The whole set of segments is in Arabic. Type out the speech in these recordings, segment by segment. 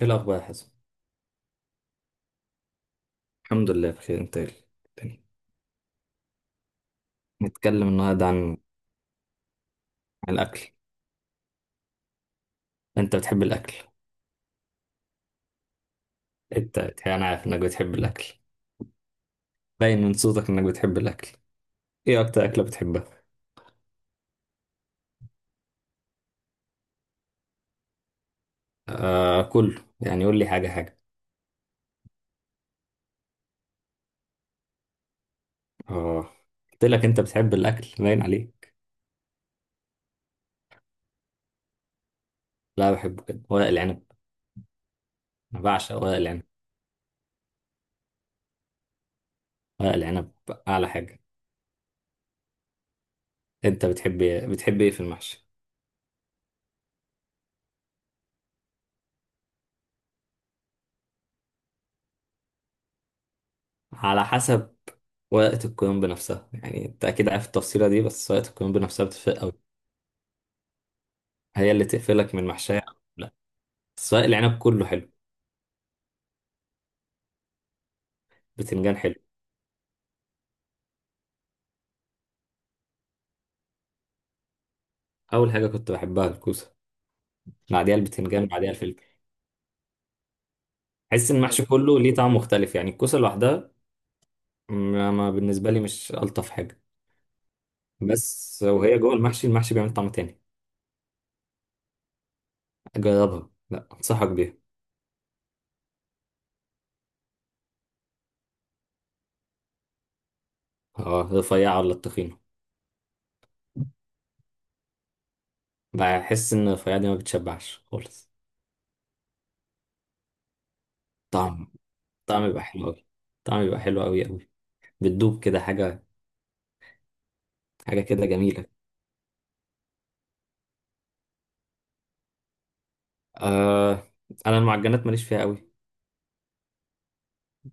ايه الاخبار يا حسن؟ الحمد لله بخير، انت إيه تاني؟ نتكلم النهارده عن الاكل. انت بتحب الاكل؟ انت انا عارف انك بتحب الاكل، باين من صوتك انك بتحب الاكل. ايه اكتر اكله بتحبها؟ آه كله، يعني قول لي حاجه حاجه. اه قلت لك، انت بتحب الاكل باين عليه. لا بحبه، كده ورق العنب. انا بعشق ورق العنب. ورق العنب اعلى حاجه. انت بتحب إيه؟ بتحب ايه في المحشي؟ على حسب ورقه الكرنب نفسها، يعني انت اكيد عارف التفصيله دي، بس ورقه الكرنب نفسها بتفرق. هي اللي تقفلك من محشية. لا، سواء العنب كله حلو. بتنجان حلو. أول حاجة كنت بحبها الكوسة، بعديها البتنجان، بعديها الفلفل. أحس إن المحشي كله ليه طعم مختلف، يعني الكوسة لوحدها ما بالنسبة لي مش ألطف حاجة. بس وهي جوه المحشي بيعمل طعم تاني. جربها، لا أنصحك بيها. اه، رفيعة ولا التخينة؟ بحس إن الرفيعة دي ما بتشبعش خالص. طعم طعم يبقى حلو أوي. طعم يبقى حلو أوي أوي. بتدوب كده حاجة، حاجة كده جميلة. آه أنا المعجنات ماليش فيها أوي.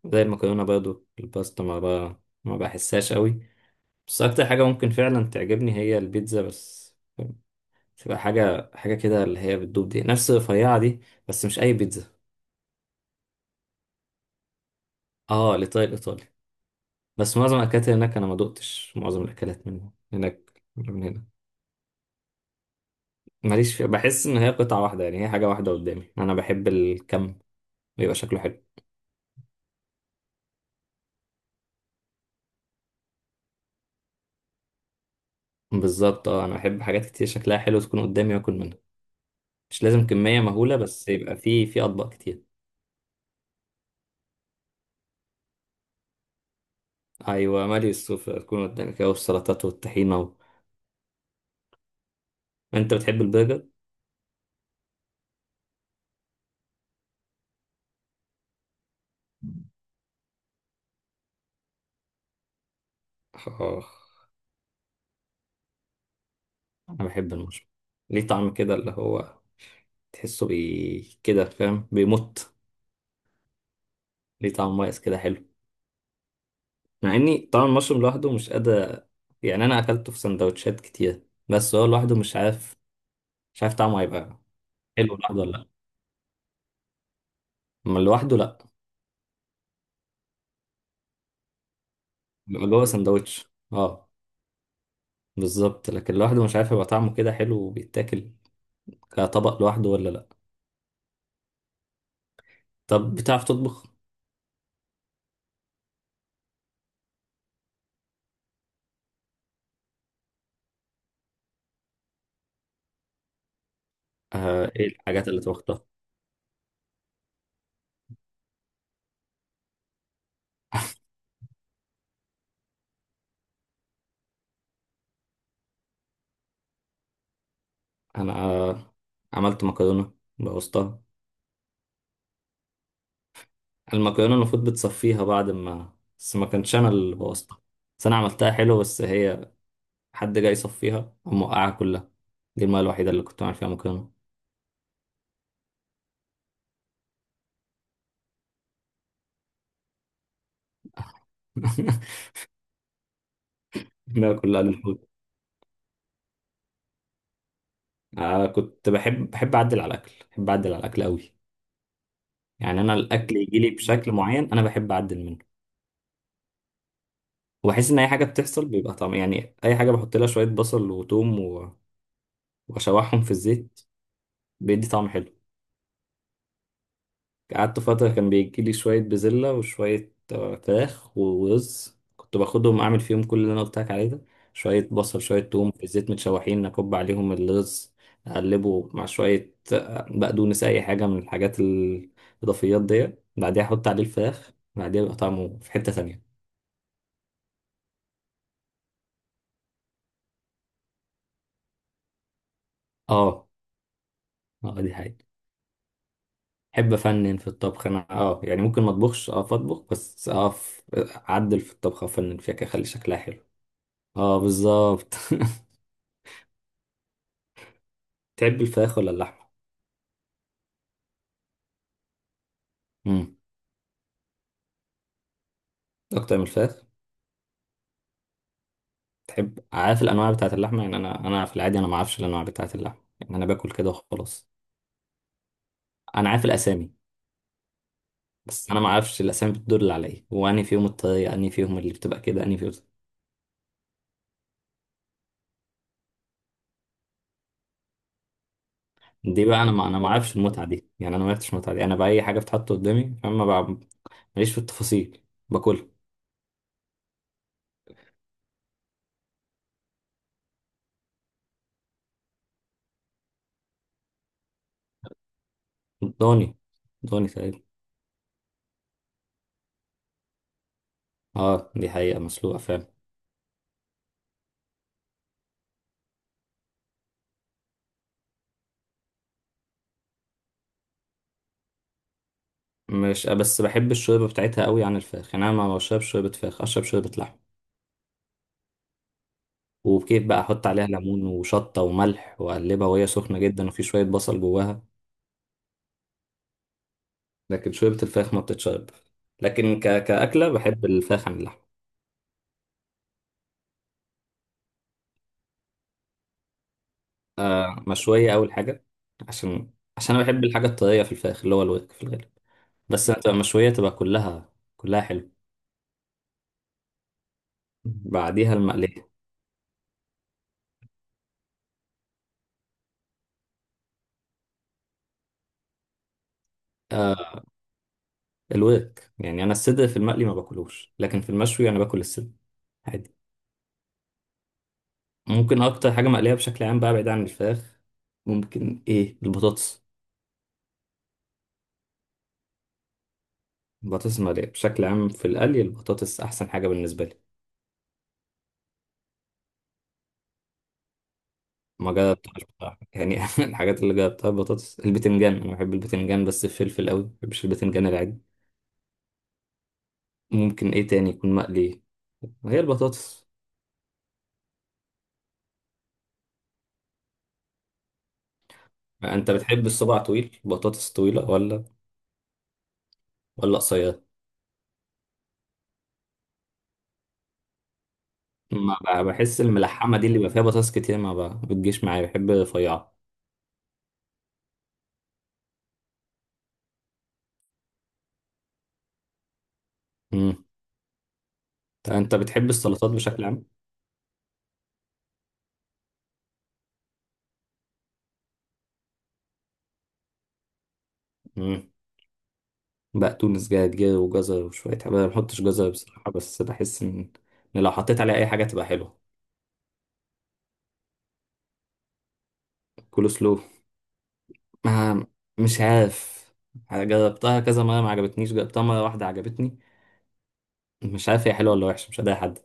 زي المكرونة برضو، الباستا ما بحسهاش قوي. بس أكتر حاجة ممكن فعلا تعجبني هي البيتزا، بس تبقى حاجة، حاجة كده اللي هي بتدوب دي، نفس الرفيعة دي. بس مش أي بيتزا. اه الإيطالي، الإيطالي. بس معظم الأكلات اللي هناك أنا ما دقتش، معظم الأكلات من هناك من هنا ماليش فيها. بحس إن هي قطعة واحدة، يعني هي حاجة واحدة قدامي. أنا بحب الكم، بيبقى شكله حلو. بالظبط، اه أنا بحب حاجات كتير شكلها حلو تكون قدامي وآكل منها. مش لازم كمية مهولة، بس يبقى في أطباق كتير. ايوه، مالي السفرة تكون قدامك، أهو السلطات والطحينة و... انت بتحب البرجر؟ آه، انا بحب المشروم. ليه طعم كده، اللي هو تحسه بي كده، فاهم، بيمط. ليه طعم مميز كده حلو، مع اني طعم المشروم لوحده مش قادر. يعني انا اكلته في سندوتشات كتير، بس هو لوحده مش عارف. مش عارف طعمه هيبقى حلو لوحده ولا لا. اما لوحده لا. بيبقى جوه سندوتش. اه بالظبط، لكن لوحده مش عارف هيبقى طعمه كده حلو وبيتاكل كطبق لوحده ولا لا. طب بتعرف تطبخ؟ ايه الحاجات اللي توخطها؟ انا عملت مكرونه، بوظتها. المكرونه المفروض بتصفيها بعد ما... بس ما كانش انا اللي بوظتها، بس انا عملتها حلو، بس هي حد جاي يصفيها قام وقعها كلها. دي المره الوحيده اللي كنت بعمل فيها مكرونه. المرة كلها للحوت. آه كنت بحب اعدل على الاكل، بحب اعدل على الاكل قوي. يعني انا الاكل يجي لي بشكل معين، انا بحب اعدل منه. وبحس ان اي حاجه بتحصل بيبقى طعم، يعني اي حاجه بحط لها شويه بصل وتوم واشوحهم في الزيت، بيدي طعم حلو. قعدت فترة كان بيجيلي شوية بزلة وشوية فراخ ورز، كنت باخدهم أعمل فيهم كل اللي أنا قلت لك عليه ده. شوية بصل، شوية توم في الزيت متشوحين، أكب عليهم الرز، أقلبه مع شوية بقدونس، أي حاجة من الحاجات الإضافيات دي. بعديها أحط عليه الفراخ، بعديها يبقى طعمه في حتة تانية. آه، آه دي حقيقة. أحب أفنن في الطبخ أنا، يعني ممكن ما أطبخش، أطبخ بس، أعدل في الطبخة، أفنن فيها كده، أخلي شكلها حلو. آه بالظبط. تحب الفراخ ولا اللحمة؟ امم أكتر من الفراخ. تحب، عارف الأنواع بتاعة اللحمة؟ يعني أنا في العادي أنا ما أعرفش الأنواع بتاعة اللحمة، يعني أنا باكل كده وخلاص. أنا عارف الأسامي، بس أنا ما أعرفش الأسامي بتدل على إيه، وأني فيهم الطريقة، أني فيهم اللي بتبقى كده، أني فيهم. دي بقى أنا، ما أعرفش المتعة دي، يعني أنا ما عرفتش المتعة دي. أنا بقى أي حاجة بتتحط قدامي، فاهم، ما بقى ماليش في التفاصيل، باكلها. ضاني، ضاني تقريبا. أه دي حقيقة، مسلوقة فعلا. مش بس بحب الشوربة بتاعتها قوي عن الفراخ، يعني أنا ما بشربش شوربة فراخ، أشرب شوربة لحمة. وكيف بقى، احط عليها ليمون وشطة وملح واقلبها وهي سخنة جدا، وفي شوية بصل جواها. لكن شوربة الفراخ ما بتتشرب. لكن كأكلة بحب الفراخ عن اللحمة. آه مشوية أول حاجة، عشان عشان أنا بحب الحاجة الطرية في الفراخ، اللي هو الورك في الغالب. بس لما تبقى مشوية تبقى كلها، كلها حلو. بعديها المقلية. آه الورك، يعني أنا الصدر في المقلي ما باكلوش، لكن في المشوي أنا باكل الصدر عادي. ممكن أكتر حاجة مقلية بشكل عام بقى، بعيد عن الفراخ، ممكن إيه؟ البطاطس. البطاطس مقلية بشكل عام، في القلي البطاطس أحسن حاجة بالنسبة لي. ما جربتهاش بصراحة يعني. الحاجات اللي جربتها البطاطس، البتنجان، أنا بحب البتنجان بس الفلفل أوي، ما بحبش البتنجان العادي. ممكن إيه تاني يكون مقلي؟ هي البطاطس. أنت بتحب الصباع طويل، بطاطس طويلة ولا قصيرة؟ ما ب- بحس الملحمة دي اللي بيبقى فيها بطاطس كتير ما ب- بتجيش معايا، بحب رفيعة. أمم. طب أنت بتحب السلطات بشكل عام؟ مم. بقدونس، جرجير، وجزر، وشوية حاجات. أنا ما بحطش جزر بصراحة، بس بحس إن لو حطيت عليه أي حاجة تبقى حلوة. كول سلو. ما، مش عارف، جربتها كذا مرة ما عجبتنيش، جربتها مرة واحدة عجبتني. مش عارف هي حلوة ولا وحشة، مش هداها حد.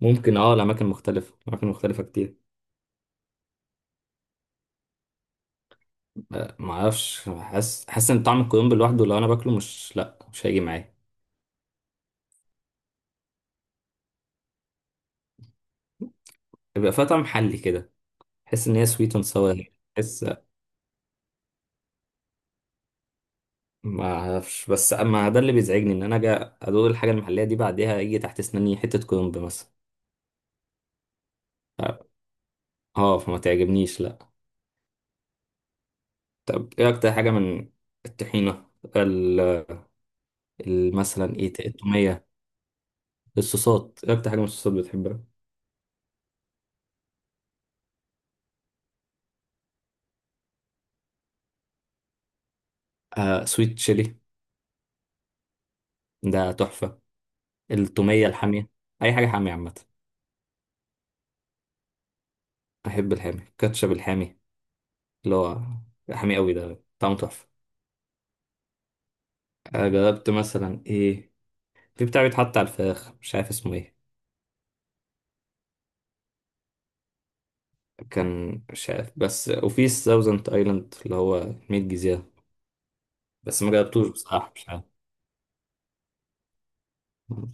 ممكن، لأماكن مختلفة، أماكن مختلفة كتير. ما أعرفش، حاسس إن طعم الكرنب لوحده لو أنا باكله مش، لأ مش هيجي معايا. بيبقى فيها طعم محلي كده. حس إن هي سويت أند ساور. ما اعرفش، بس اما ده اللي بيزعجني ان انا اجي ادوق الحاجه المحليه دي، بعديها يجي تحت اسناني حته كرنب مثلا. اه فما تعجبنيش، لا. طب ايه اكتر حاجه من الطحينه، ال- مثلا ايه، التوميه؟ الصوصات، ايه اكتر حاجه من الصوصات بتحبها؟ آه سويت تشيلي، ده تحفه. التوميه الحاميه. اي حاجه حاميه عامه. احب الحامي، كاتشب الحامي اللي هو حامي قوي، ده طعمه تحفه. جربت مثلا ايه، في بتاع بيتحط على الفراخ مش عارف اسمه ايه، كان مش عارف. بس وفي ساوزنت ايلاند اللي هو 100 جزيرة، بس ما جربتوش بصراحة، مش عارف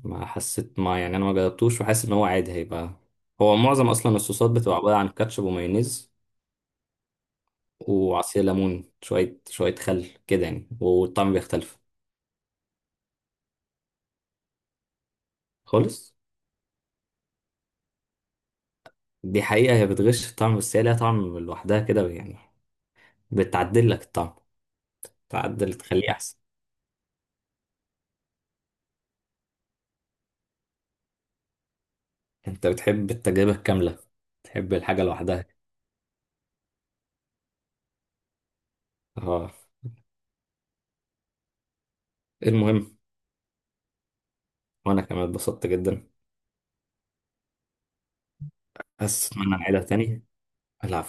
ما حسيت، ما يعني انا ما جربتوش وحاسس ان هو عادي هيبقى. هو معظم اصلا الصوصات بتبقى عبارة عن كاتشب ومايونيز وعصير ليمون، شوية شوية خل كده يعني، والطعم بيختلف خالص. دي حقيقة هي بتغش في الطعم، بس هي ليها طعم لوحدها كده يعني، بتعدل لك الطعم، تعدل تخليه احسن. انت بتحب التجربة الكاملة، تحب الحاجة لوحدها. اه. المهم، وانا كمان اتبسطت جدا، بس اتمنى نعيدها تاني. العب.